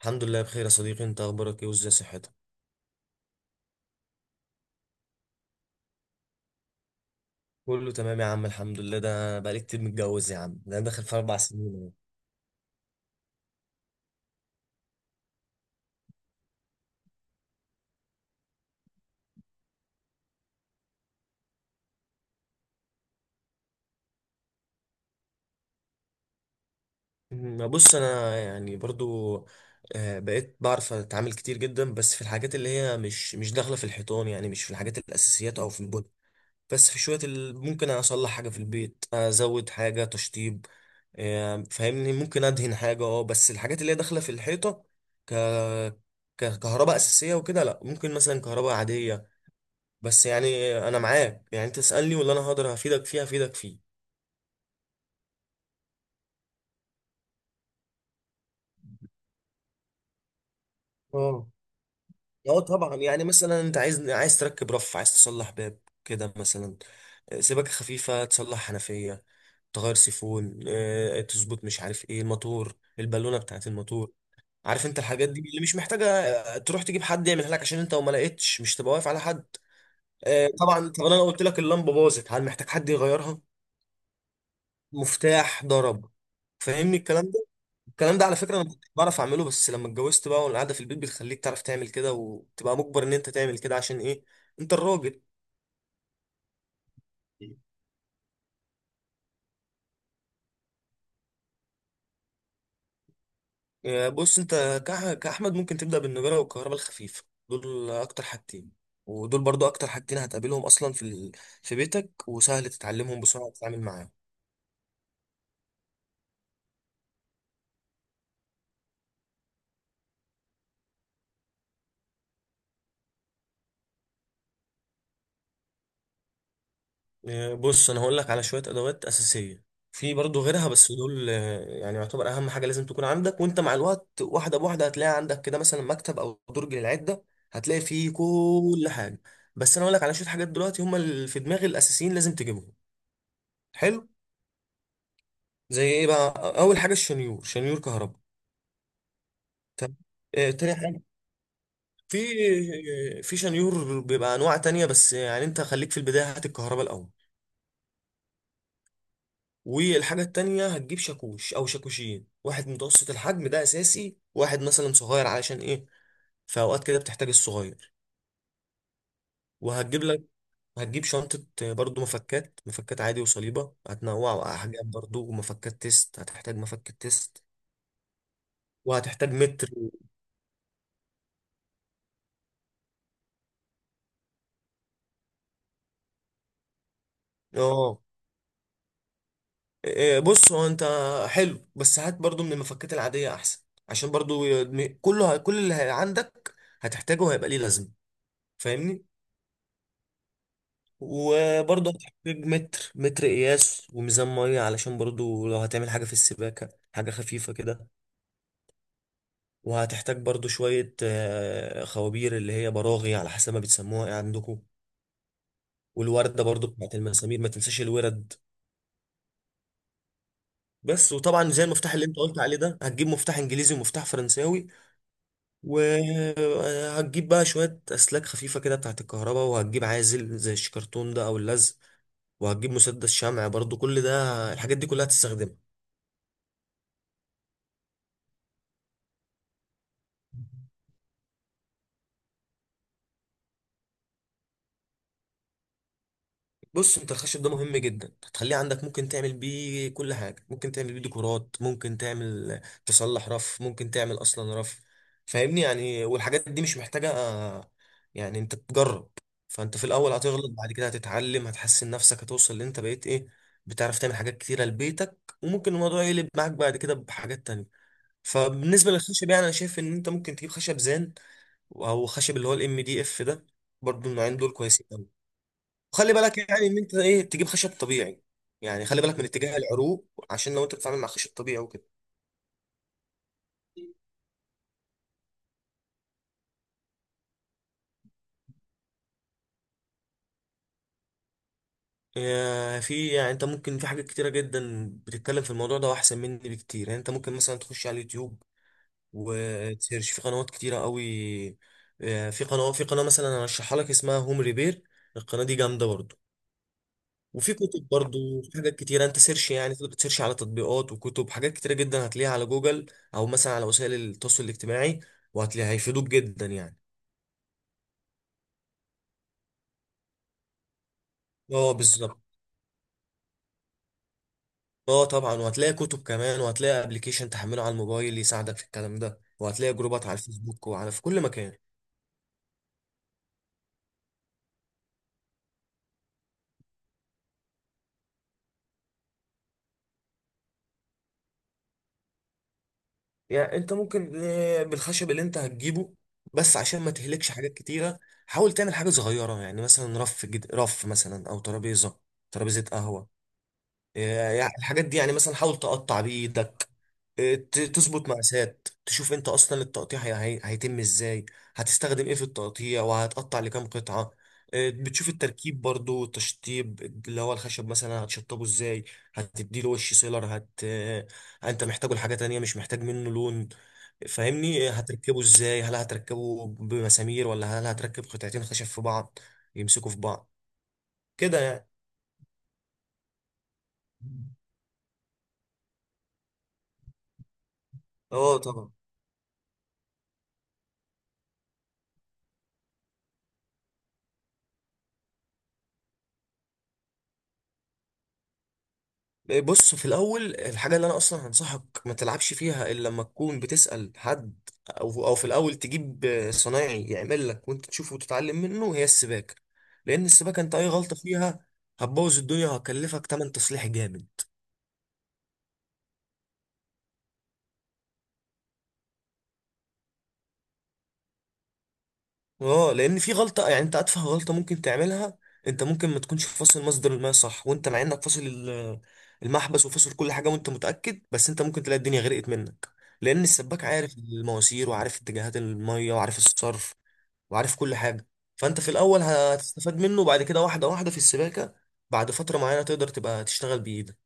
الحمد لله بخير يا صديقي. انت اخبارك ايه وازاي صحتك؟ كله تمام يا عم، الحمد لله. ده بقالي كتير متجوز يا عم، ده انا داخل في 4 سنين اهو. ما بص، انا يعني برضو بقيت بعرف اتعامل كتير جدا، بس في الحاجات اللي هي مش داخله في الحيطان، يعني مش في الحاجات الاساسيات او في البن. بس في شويه ممكن اصلح حاجه في البيت، ازود حاجه تشطيب. فاهمني، ممكن ادهن حاجه، بس الحاجات اللي هي داخله في الحيطه ك كهرباء اساسيه وكده، لا. ممكن مثلا كهرباء عاديه. بس يعني انا معاك، يعني تسالني ولا انا هقدر هفيدك فيه هفيدك فيه. اه، اه طبعا. يعني مثلا انت عايز، تركب رف، عايز تصلح باب كده مثلا. سباكه خفيفه، تصلح حنفيه، تغير سيفون، تظبط مش عارف ايه، الموتور، البالونه بتاعت الموتور. عارف انت الحاجات دي اللي مش محتاجه تروح تجيب حد يعملها لك، عشان انت وما لقيتش مش تبقى واقف على حد. طبعا. طب انا لو قلت لك اللمبه باظت، هل محتاج حد يغيرها؟ مفتاح ضرب، فاهمني الكلام ده؟ الكلام ده على فكرة انا كنت بعرف اعمله، بس لما اتجوزت بقى والقعدة في البيت بتخليك تعرف تعمل كده، وتبقى مجبر ان انت تعمل كده. عشان ايه؟ انت الراجل. بص، انت كأحمد ممكن تبدأ بالنجارة والكهرباء الخفيفة. دول اكتر حاجتين، ودول برضو اكتر حاجتين هتقابلهم اصلا في في بيتك، وسهل تتعلمهم بسرعة وتتعامل معاهم. بص، انا هقول لك على شويه ادوات اساسيه. في برضو غيرها، بس دول يعني يعتبر اهم حاجه لازم تكون عندك، وانت مع الوقت واحده بواحده هتلاقي عندك كده مثلا مكتب او درج للعده، هتلاقي فيه كل حاجه. بس انا هقول لك على شويه حاجات دلوقتي هم اللي في دماغي الاساسيين، لازم تجيبهم. حلو. زي ايه بقى؟ اول حاجه الشنيور، شنيور كهرباء. تمام. تاني حاجه، في في شنيور بيبقى انواع تانية، بس يعني انت خليك في البدايه، هات الكهرباء الاول. والحاجة التانية هتجيب شاكوش أو شاكوشين، واحد متوسط الحجم ده أساسي، واحد مثلا صغير. علشان إيه؟ في أوقات كده بتحتاج الصغير. وهتجيب لك هتجيب شنطة برضو مفكات عادي وصليبة، هتنوع أحجام برضو، ومفكات تيست، هتحتاج مفك التيست. وهتحتاج متر. اه. بص هو انت، حلو، بس هات برضو من المفكات العادية أحسن، عشان برضو كل اللي عندك هتحتاجه هيبقى ليه لازمة، فاهمني. وبرضه هتحتاج متر، متر قياس، وميزان ميه، علشان برضه لو هتعمل حاجة في السباكة حاجة خفيفة كده. وهتحتاج برضه شوية خوابير، اللي هي براغي على حسب ما بتسموها ايه عندكم. والوردة برضه بتاعت المسامير، ما تنساش الورد. بس وطبعا زي المفتاح اللي انت قلت عليه ده، هتجيب مفتاح انجليزي ومفتاح فرنساوي. وهتجيب بقى شوية اسلاك خفيفة كده بتاعت الكهرباء، وهتجيب عازل زي الشكرتون ده او اللزق، وهتجيب مسدس شمع برضه. كل ده الحاجات دي كلها هتستخدمها. بص، انت الخشب ده مهم جدا، هتخليه عندك. ممكن تعمل بيه كل حاجه، ممكن تعمل بيه ديكورات، ممكن تعمل، تصلح رف، ممكن تعمل اصلا رف، فاهمني. يعني والحاجات دي مش محتاجه يعني انت تجرب. فانت في الاول هتغلط، بعد كده هتتعلم، هتحسن نفسك، هتوصل اللي انت بقيت ايه، بتعرف تعمل حاجات كتيره لبيتك. وممكن الموضوع يقلب معاك بعد كده بحاجات تانية. فبالنسبه للخشب، يعني انا شايف ان انت ممكن تجيب خشب زان، او خشب اللي هو MDF ده. برضو النوعين دول كويسين. خلي بالك يعني ان انت ايه، تجيب خشب طبيعي يعني، خلي بالك من اتجاه العروق، عشان لو انت بتتعامل مع خشب طبيعي وكده. يا في، يعني انت ممكن، في حاجات كتيره جدا بتتكلم في الموضوع ده واحسن مني بكتير، يعني انت ممكن مثلا تخش على اليوتيوب وتسيرش في قنوات كتيره قوي. في قناه مثلا انا ارشحها لك، اسمها هوم ريبير. القناه دي جامده برضو. وفي كتب برضو، في حاجات كتيره انت سيرش، يعني تقدر تسيرش على تطبيقات وكتب، حاجات كتيره جدا هتلاقيها على جوجل، او مثلا على وسائل التواصل الاجتماعي، وهتلاقيها هيفيدوك جدا يعني. اه، بالظبط. اه طبعا، وهتلاقي كتب كمان، وهتلاقي ابلكيشن تحمله على الموبايل يساعدك في الكلام ده، وهتلاقي جروبات على الفيسبوك وعلى، في كل مكان. يعني انت ممكن بالخشب اللي انت هتجيبه، بس عشان ما تهلكش حاجات كتيرة، حاول تعمل حاجة صغيرة، يعني مثلا رف مثلا، او ترابيزة، ترابيزة قهوة. يعني الحاجات دي، يعني مثلا حاول تقطع بإيدك تظبط مقاسات، تشوف انت اصلا التقطيع هيتم ازاي، هتستخدم ايه في التقطيع، وهتقطع لكام قطعة. بتشوف التركيب برضو والتشطيب، اللي هو الخشب مثلا هتشطبه ازاي، هتديله وش سيلر، هت آه، انت محتاجه لحاجة تانية، مش محتاج منه لون فاهمني. هتركبه ازاي، هل هتركبه بمسامير، ولا هل هتركب قطعتين خشب في بعض يمسكوا في بعض كده، يعني. اه طبعا. بص، في الاول الحاجه اللي انا اصلا هنصحك ما تلعبش فيها الا لما تكون بتسال حد، او في الاول تجيب صنايعي يعمل لك وانت تشوفه وتتعلم منه، هي السباكه. لان السباكه انت اي غلطه فيها هتبوظ الدنيا، وهكلفك تمن تصليح جامد. اه، لان في غلطه، يعني انت اتفه غلطه ممكن تعملها. انت ممكن ما تكونش فاصل مصدر الماء صح، وانت مع انك فاصل المحبس وفاصل كل حاجه وانت متاكد، بس انت ممكن تلاقي الدنيا غرقت منك. لان السباك عارف المواسير، وعارف اتجاهات الميه، وعارف الصرف، وعارف كل حاجة. فأنت في الأول هتستفاد منه، وبعد كده واحدة واحدة في السباكة بعد فترة معينة تقدر تبقى تشتغل بإيدك.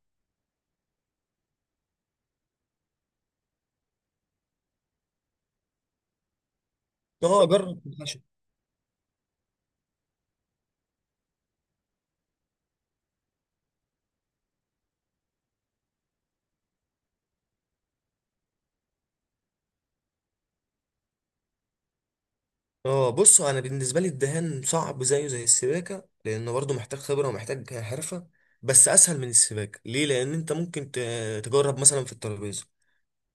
اه، جرب الخشب. اه، بص، أنا بالنسبة لي الدهان صعب زيه زي السباكة، لأنه برضه محتاج خبرة ومحتاج حرفة. بس أسهل من السباكة. ليه؟ لأن أنت ممكن تجرب مثلا في الترابيزة.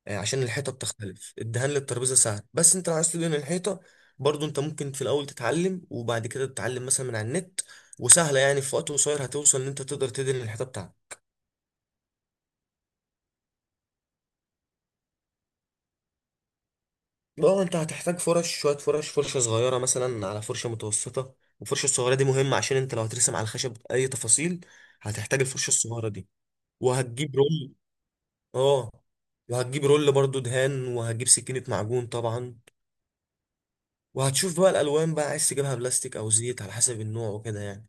عشان الحيطة بتختلف، الدهان للترابيزة سهل، بس أنت لو عايز تدهن الحيطة، برضه أنت ممكن في الأول تتعلم، وبعد كده تتعلم مثلا من على النت، وسهلة، يعني في وقت قصير هتوصل إن أنت تقدر تدهن الحيطة بتاعتك. اه، انت هتحتاج فرش، شويه فرش، فرشه صغيره مثلا على فرشه متوسطه. والفرشه الصغيره دي مهمه عشان انت لو هترسم على الخشب اي تفاصيل هتحتاج الفرشه الصغيره دي. وهتجيب رول. اه. وهتجيب رول برضو دهان، وهتجيب سكينه معجون طبعا، وهتشوف بقى الالوان بقى، عايز تجيبها بلاستيك او زيت على حسب النوع وكده يعني.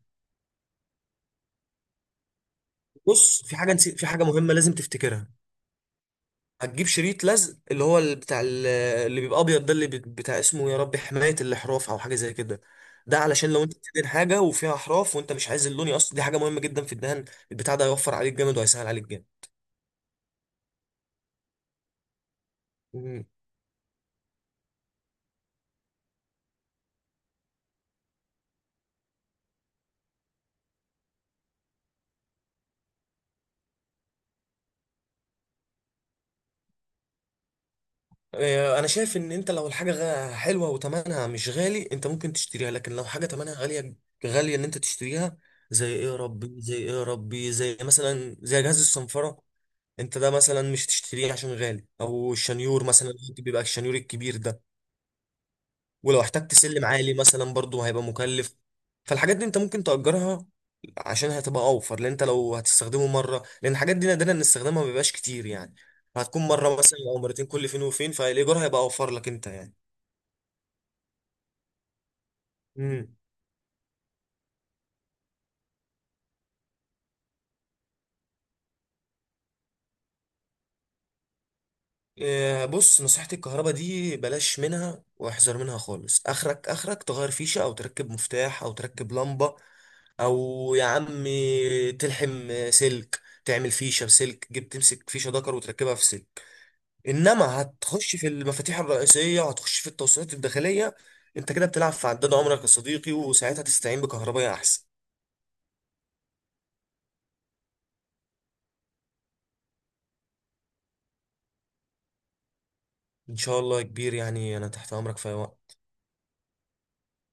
بص، في حاجه مهمه لازم تفتكرها. هتجيب شريط لزق اللي هو بتاع اللي بيبقى ابيض ده، اللي بتاع اسمه يا ربي حماية الاحراف او حاجه زي كده. ده علشان لو انت بتدهن حاجه وفيها احراف وانت مش عايز اللون يقص، دي حاجه مهمه جدا في الدهان. البتاع ده هيوفر عليك جامد وهيسهل عليك جامد. مم. انا شايف ان انت لو الحاجه حلوه وتمنها مش غالي انت ممكن تشتريها، لكن لو حاجه تمنها غاليه، غاليه ان انت تشتريها. زي ايه يا ربي، زي ايه يا ربي، زي مثلا زي جهاز الصنفره، انت ده مثلا مش تشتريه عشان غالي، او الشنيور مثلا، بيبقى الشنيور الكبير ده. ولو احتجت سلم عالي مثلا برضو هيبقى مكلف. فالحاجات دي انت ممكن تأجرها، عشان هتبقى اوفر. لان انت لو هتستخدمه مره، لان الحاجات دي نادرا ان استخدامها ما بيبقاش كتير يعني، هتكون مره مثلا او مرتين كل فين وفين، فالايجار هيبقى اوفر لك انت يعني. امم بص، نصيحة، الكهرباء دي بلاش منها واحذر منها خالص. اخرك، تغير فيشة، او تركب مفتاح، او تركب لمبة، او يا عم تلحم سلك، تعمل فيشة بسلك، جبت تمسك فيشة دكر وتركبها في سلك. انما هتخش في المفاتيح الرئيسيه، هتخش في التوصيلات الداخليه، انت كده بتلعب في عداد عمرك يا صديقي، وساعتها تستعين بكهربائي احسن. ان شاء الله يا كبير، يعني انا تحت امرك في أي وقت.